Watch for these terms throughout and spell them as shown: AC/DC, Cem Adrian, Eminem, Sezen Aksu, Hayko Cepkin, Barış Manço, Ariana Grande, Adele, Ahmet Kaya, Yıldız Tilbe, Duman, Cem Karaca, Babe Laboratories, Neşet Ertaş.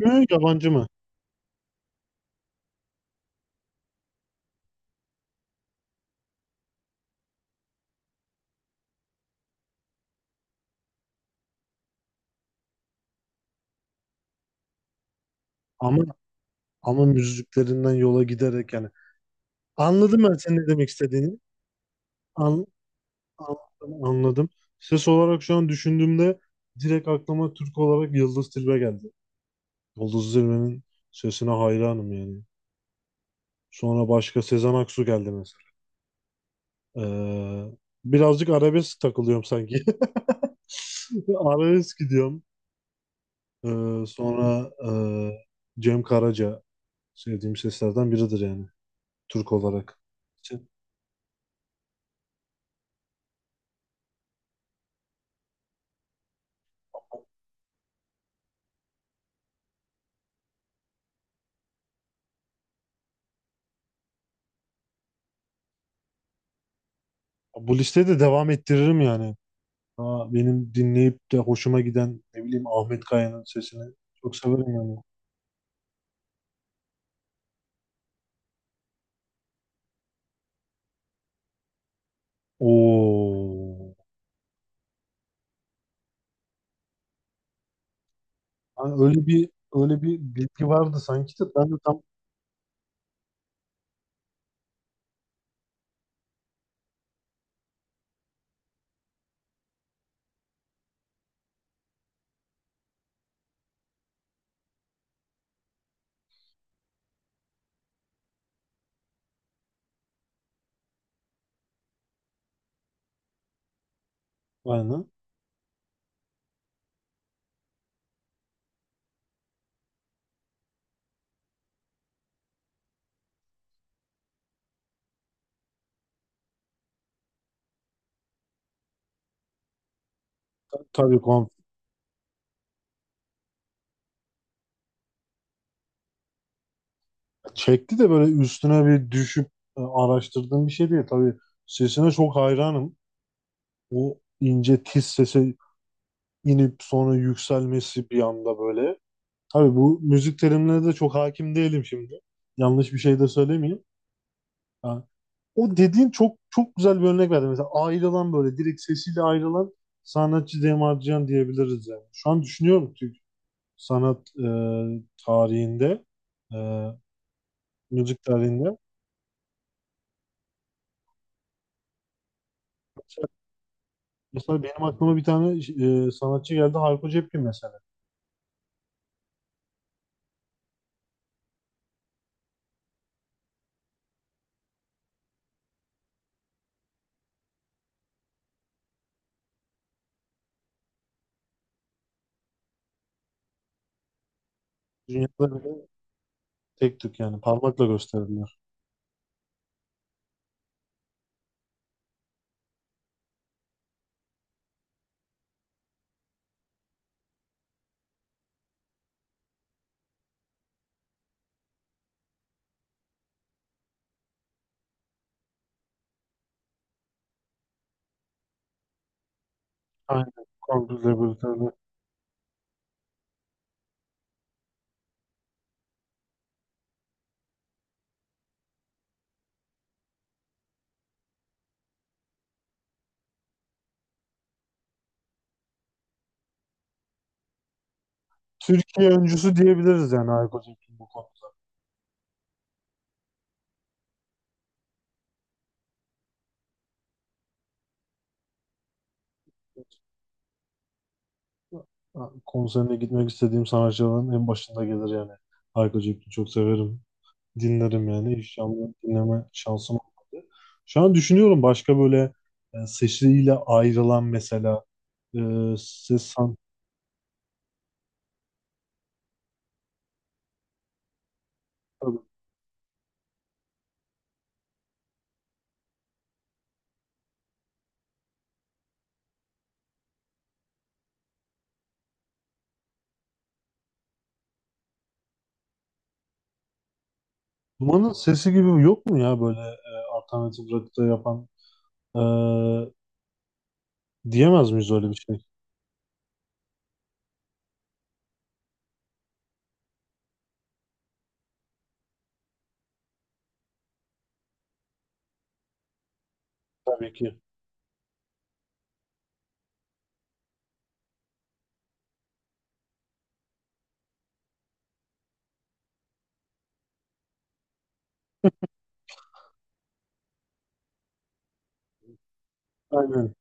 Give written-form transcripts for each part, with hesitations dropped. Mü yabancı mı? Ama ama müziklerinden yola giderek yani. Anladım ben senin ne demek istediğini. An, Anladım, anladım. Ses olarak şu an düşündüğümde direkt aklıma Türk olarak Yıldız Tilbe geldi. Yıldız Tilbe'nin sesine hayranım yani. Sonra başka Sezen Aksu geldi mesela. Ee, Birazcık arabesk takılıyorum sanki. Arabesk gidiyorum. Sonra Cem Karaca sevdiğim seslerden biridir yani Türk olarak. Bu listeyi de devam ettiririm yani. Daha benim dinleyip de hoşuma giden ne bileyim Ahmet Kaya'nın sesini çok severim yani. Oo. Hani öyle bir bilgi vardı sanki de ben de tam aynı. Tabii kon çekti de böyle üstüne bir düşüp araştırdığım bir şey değil. Tabii sesine çok hayranım. O ince tiz sese inip sonra yükselmesi bir anda böyle. Tabii bu müzik terimlerine de çok hakim değilim şimdi. Yanlış bir şey de söylemeyeyim. Ha, O dediğin çok çok güzel bir örnek verdi. Mesela ayrılan böyle direkt sesiyle ayrılan sanatçı Cem Adrian diyebiliriz yani. Şu an düşünüyorum Türk sanat tarihinde, e, müzik tarihinde. Mesela benim aklıma bir tane sanatçı geldi Hayko Cepkin mesela. Dünyada bile tek tük yani parmakla gösterdiler. Aynen. Kongreyle birlikte. Türkiye öncüsü diyebiliriz yani Hayko Cepkin bu konuda. Konserine gitmek istediğim sanatçıların en başında gelir yani. Hayko Cepkin'i çok severim. Dinlerim yani. İnşallah dinleme şansım olmadı. Şu an düşünüyorum başka böyle sesiyle ayrılan mesela e, ses san-. Tabii. Duman'ın sesi gibi yok mu ya böyle alternatif rock'ta yapan e, diyemez miyiz öyle bir şey? Tabii ki. Aynen.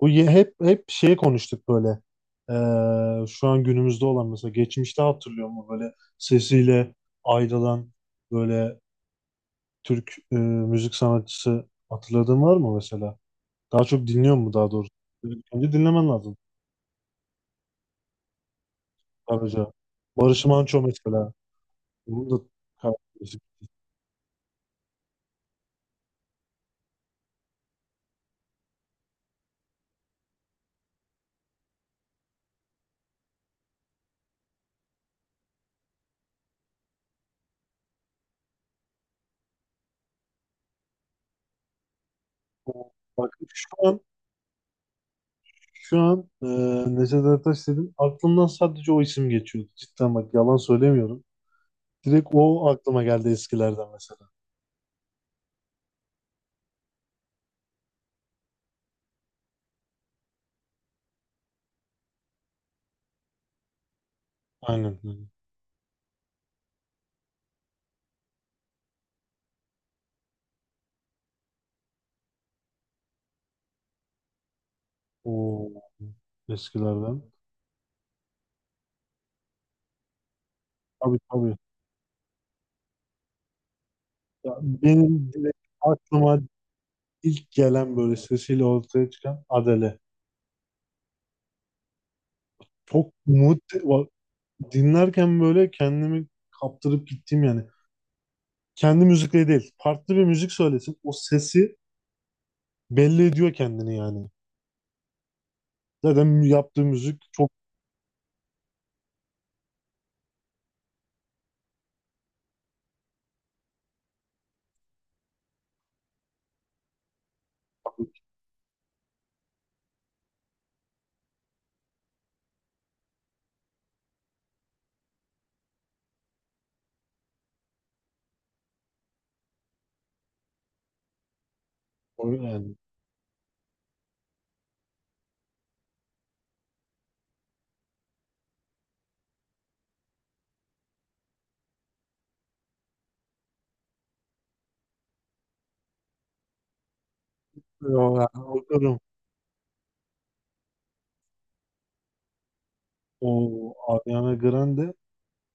Bu ye- hep şey konuştuk böyle. E, şu an günümüzde olan mesela geçmişte hatırlıyor mu böyle sesiyle ayrılan böyle Türk müzik sanatçısı hatırladığın var mı mesela? Daha çok dinliyor mu daha doğrusu? Önce dinlemen lazım Karaca. Barış Manço mesela. Bunun da kardeşi. Bak şu an Neşet Ertaş dedim. Aklımdan sadece o isim geçiyordu. Cidden bak yalan söylemiyorum. Direkt o aklıma geldi eskilerden mesela. Aynen. O eskilerden. Tabii, tabii. Ya benim direkt aklıma ilk gelen böyle sesiyle ortaya çıkan Adele. Çok umut dinlerken böyle kendimi kaptırıp gittim yani. Kendi müzikleri değil. Farklı bir müzik söylesin. O sesi belli ediyor kendini yani. Zaten yaptığı müzik çok yani. O, yani, o Ariana Grande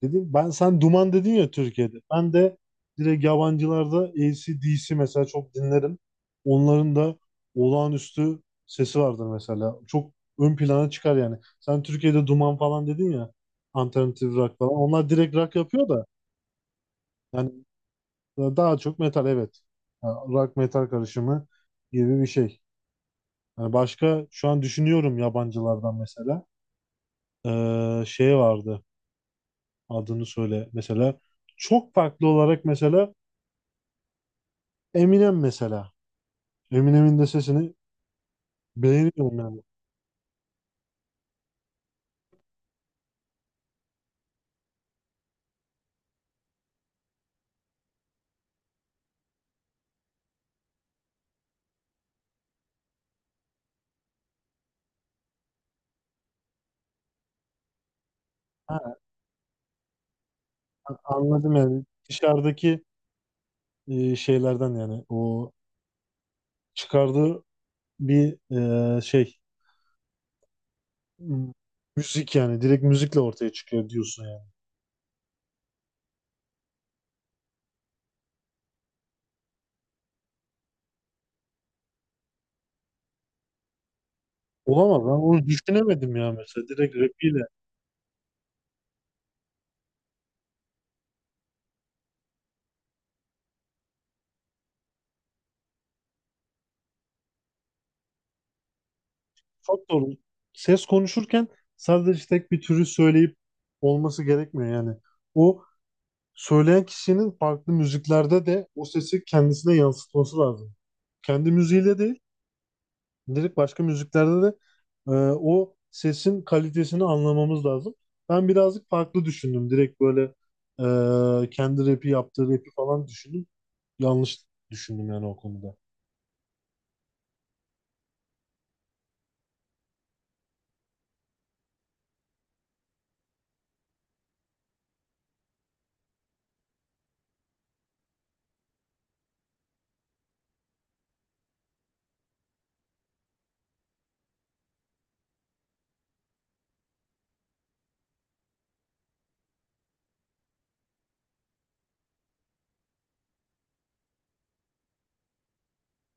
dedim. Ben sen Duman dedin ya Türkiye'de. Ben de direkt yabancılarda AC/DC mesela çok dinlerim. Onların da olağanüstü sesi vardır mesela. Çok ön plana çıkar yani. Sen Türkiye'de Duman falan dedin ya. Alternatif rock falan. Onlar direkt rock yapıyor da. Yani daha çok metal, evet. Yani rock metal karışımı gibi bir şey. Yani başka şu an düşünüyorum yabancılardan mesela. Şey vardı adını söyle. Mesela çok farklı olarak mesela Eminem mesela. Eminem'in de sesini beğeniyorum yani. Ha, Anladım yani. Dışarıdaki şeylerden yani o çıkardığı bir e, şey m- müzik yani direkt müzikle ortaya çıkıyor diyorsun yani. Olamaz, ben onu düşünemedim ya, mesela direkt rapiyle. Çok doğru. Ses konuşurken sadece tek bir türü söyleyip olması gerekmiyor yani. O söyleyen kişinin farklı müziklerde de o sesi kendisine yansıtması lazım. Kendi müziğiyle değil, direkt başka müziklerde de o sesin kalitesini anlamamız lazım. Ben birazcık farklı düşündüm. Direkt böyle kendi rapi yaptığı rapi falan düşündüm. Yanlış düşündüm yani o konuda.